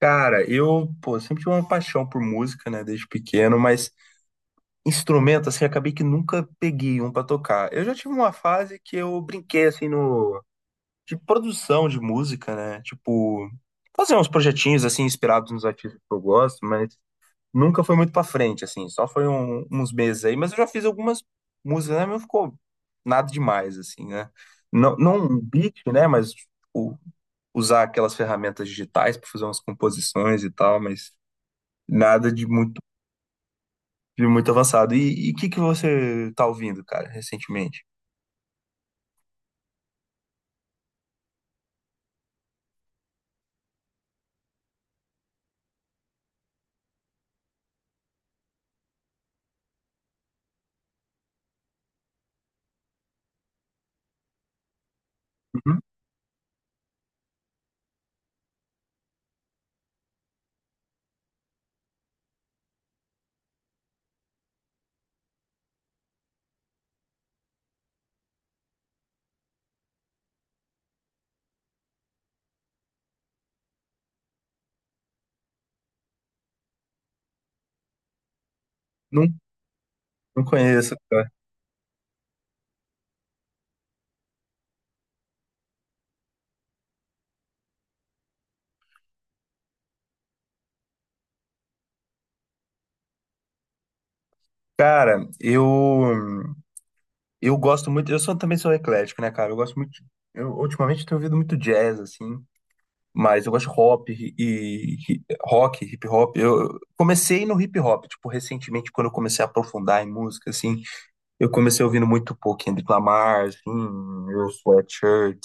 Cara, pô, sempre tive uma paixão por música, né, desde pequeno, mas instrumento, assim, acabei que nunca peguei um pra tocar. Eu já tive uma fase que eu brinquei, assim, no, de produção de música, né, tipo, fazer uns projetinhos, assim, inspirados nos artistas que eu gosto, mas nunca foi muito pra frente, assim, só foi uns meses aí, mas eu já fiz algumas músicas, né, mas não ficou nada demais, assim, né. Não, não um beat, né, mas o- usar aquelas ferramentas digitais pra fazer umas composições e tal, mas. Nada de muito, de muito avançado. E o que que você tá ouvindo, cara, recentemente? Uhum. Não, não conheço, cara. Cara, eu gosto muito. Também sou eclético, né, cara? Eu gosto muito. Eu ultimamente tenho ouvido muito jazz, assim. Mas eu gosto de hop e rock, hip hop. Eu comecei no hip hop, tipo, recentemente, quando eu comecei a aprofundar em música, assim, eu comecei ouvindo muito pouco Kendrick Lamar, assim, Earl Sweatshirt,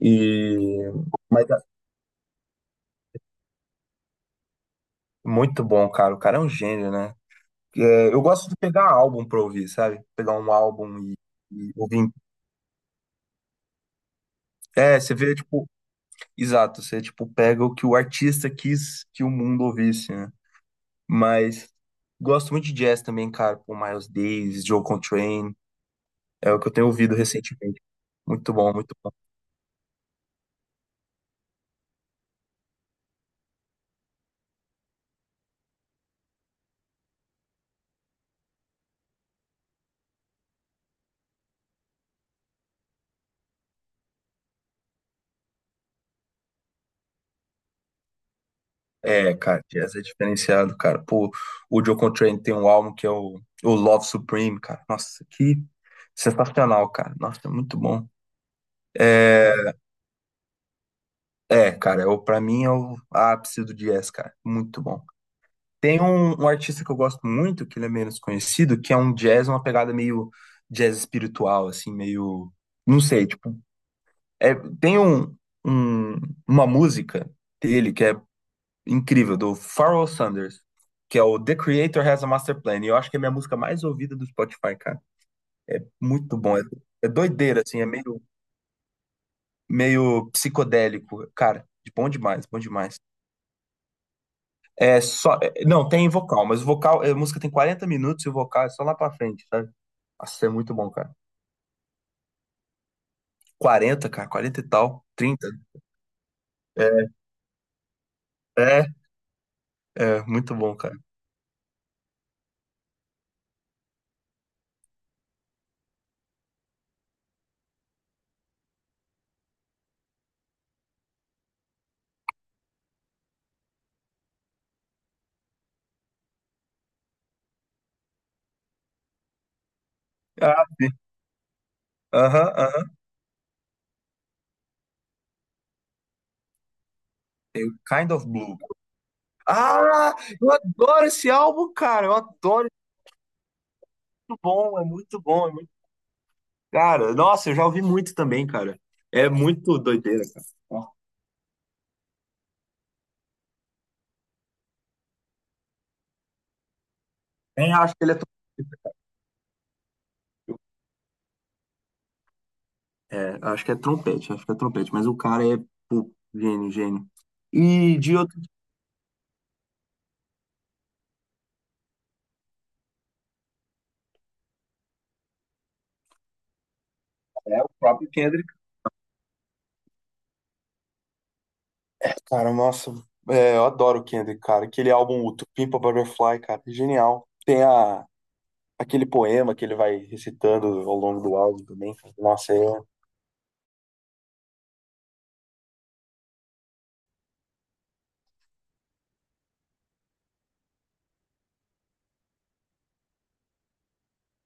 e. Muito bom, cara. O cara é um gênio, né? É, eu gosto de pegar álbum pra ouvir, sabe? Pegar um álbum e ouvir. É, você vê, tipo, exato, você, tipo, pega o que o artista quis que o mundo ouvisse, né? Mas gosto muito de jazz também, cara, com Miles Davis, Joe Contrain é o que eu tenho ouvido recentemente. Muito bom, muito bom. É, cara, jazz é diferenciado, cara. Pô, o Joe Contrain tem um álbum que é o Love Supreme, cara. Nossa, que sensacional, cara. Nossa, é muito bom. É, é, cara, eu, pra mim é o ápice do jazz, cara. Muito bom. Tem um artista que eu gosto muito, que ele é menos conhecido, que é um jazz, uma pegada meio jazz espiritual, assim, meio. Não sei, tipo. É, tem um- uma música dele que é incrível, do Pharoah Sanders, que é o The Creator Has a Master Plan. E eu acho que é a minha música mais ouvida do Spotify, cara. Muito bom. É, é doideira, assim, é meio, meio psicodélico. Cara, bom demais, bom demais. É só. Não, tem vocal, mas o vocal. A música tem 40 minutos e o vocal é só lá pra frente, sabe? Nossa, é muito bom, cara. 40, cara, 40 e tal. 30. É, é, é, muito bom, cara. Ah, sim. Aham, aham. Kind of Blue. Ah, eu adoro esse álbum, cara. Eu adoro. É muito bom, é muito bom. É muito. Cara, nossa, eu já ouvi muito também, cara. É muito doideira, cara. Ó. Nem acho que ele é. É, acho que é trompete, acho que é trompete, mas o cara é, pô, gênio, gênio. E de. É o próprio Kendrick. Cara, nossa, eu adoro o Kendrick, cara. Aquele álbum, o To Pimp a Butterfly, cara, é genial. Tem aquele poema que ele vai recitando ao longo do álbum também, cara. Nossa, é um.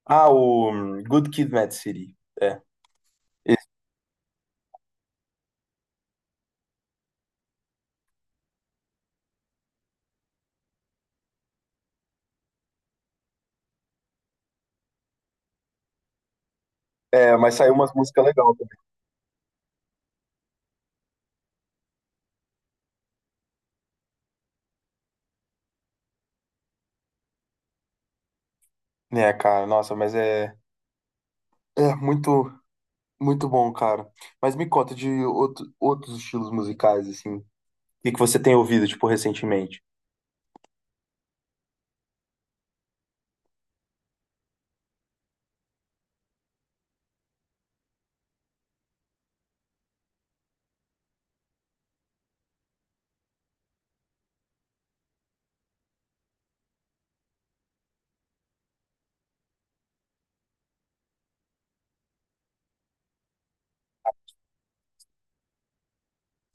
Ah, o Good Kid, Mad City. É. Esse- É, mas saiu umas músicas legais também. É, cara, nossa, mas é muito, muito bom, cara. Mas me conta de outros estilos musicais, assim. O que que você tem ouvido, tipo, recentemente?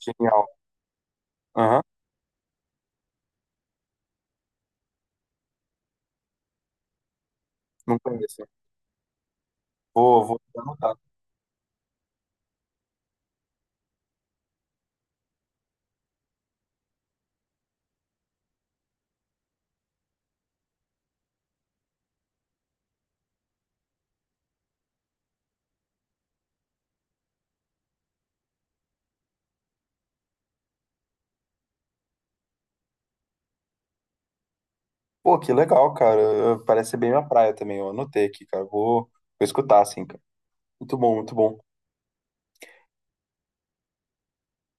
Genial. Aham, não conheço. Vou, vou anotar. Pô, que legal, cara. Parece ser bem minha praia também. Eu anotei aqui, cara. Vou escutar, assim, cara. Muito bom, muito bom.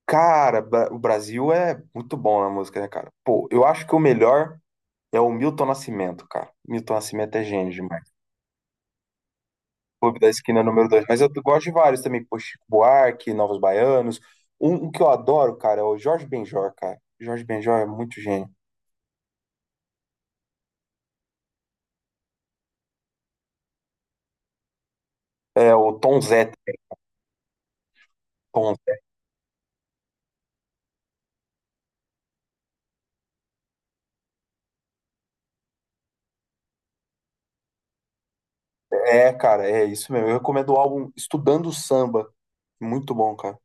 Cara, o Brasil é muito bom na música, né, cara? Pô, eu acho que o melhor é o Milton Nascimento, cara. Milton Nascimento é gênio demais. Clube da Esquina é o número 2. Mas eu gosto de vários também. Pô, Chico Buarque, Novos Baianos. Um que eu adoro, cara, é o Jorge Benjor, cara. Jorge Benjor é muito gênio. É o Tom Zé. Tom Zé. É, cara, é isso mesmo. Eu recomendo o álbum Estudando Samba. Muito bom, cara.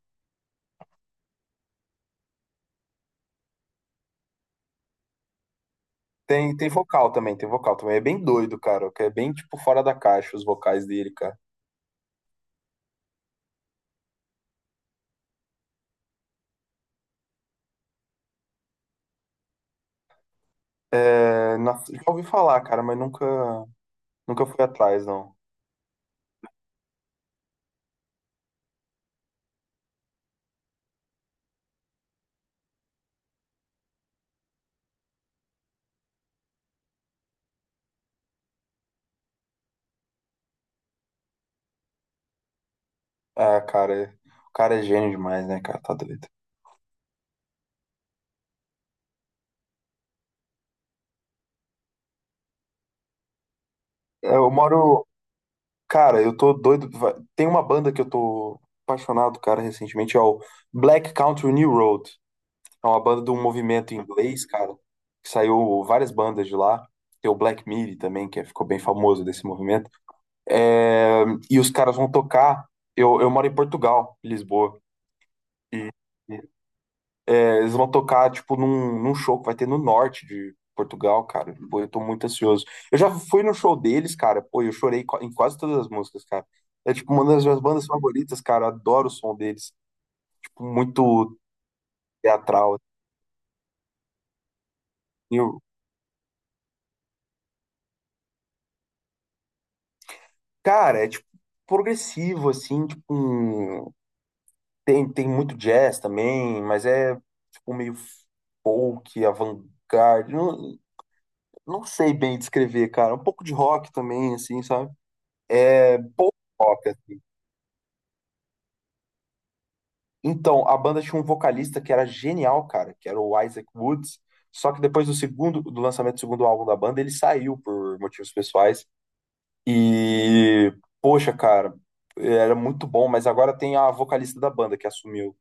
Tem, tem vocal também, tem vocal também. É bem doido, cara, que é bem, tipo, fora da caixa os vocais dele, cara. É, já ouvi falar, cara, mas nunca fui atrás, não. É, cara, o cara é gênio demais, né, cara? Tá doido. É, eu moro. Cara, eu tô doido. Tem uma banda que eu tô apaixonado, cara, recentemente, é o Black Country New Road. É uma banda de um movimento inglês, cara, que saiu várias bandas de lá. Tem o Black Midi também, que é, ficou bem famoso desse movimento. É, e os caras vão tocar. Eu moro em Portugal, em Lisboa. E e eles vão tocar, tipo, num show que vai ter no norte de Portugal, cara. Pô, eu tô muito ansioso. Eu já fui no show deles, cara. Pô, eu chorei em quase todas as músicas, cara. É, tipo, uma das minhas bandas favoritas, cara. Eu adoro o som deles. Tipo, muito teatral. E eu- Cara, é, tipo, progressivo, assim. Tipo, tem, tem muito jazz também, mas é, tipo, meio folk, avant-garde. Não sei bem descrever, cara. Um pouco de rock também, assim, sabe? É, pouco rock, assim. Então, a banda tinha um vocalista que era genial, cara, que era o Isaac Woods. Só que depois do segundo, do lançamento do segundo álbum da banda, ele saiu por motivos pessoais. E, poxa, cara, era muito bom, mas agora tem a vocalista da banda que assumiu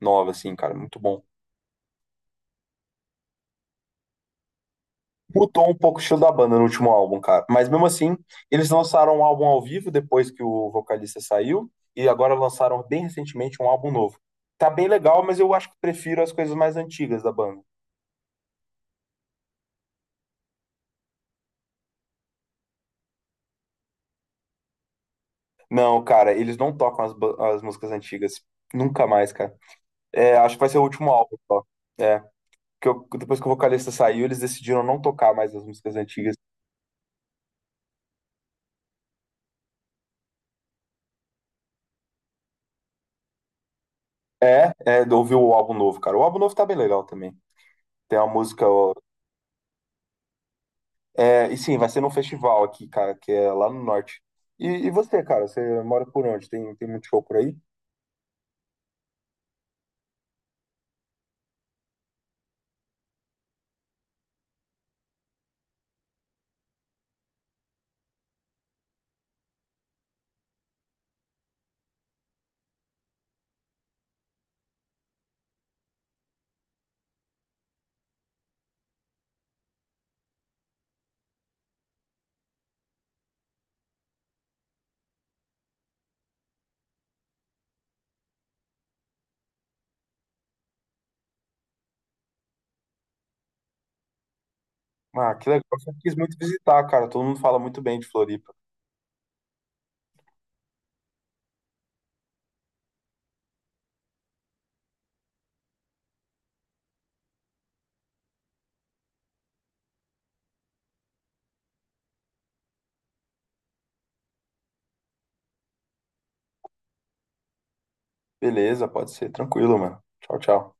nova, assim, cara, muito bom. Mudou um pouco o estilo da banda no último álbum, cara. Mas mesmo assim, eles lançaram um álbum ao vivo depois que o vocalista saiu, e agora lançaram bem recentemente um álbum novo. Tá bem legal, mas eu acho que prefiro as coisas mais antigas da banda. Não, cara, eles não tocam as, as músicas antigas. Nunca mais, cara. É, acho que vai ser o último álbum só. É, que eu- depois que o vocalista saiu, eles decidiram não tocar mais as músicas antigas. É, ouviu o álbum novo, cara. O álbum novo tá bem legal também. Tem uma música. É, e sim, vai ser num festival aqui, cara, que é lá no norte. E você, cara, você mora por onde? Tem, tem muito show por aí? Ah, que legal. Eu sempre quis muito visitar, cara. Todo mundo fala muito bem de Floripa. Beleza, pode ser. Tranquilo, mano. Tchau, tchau.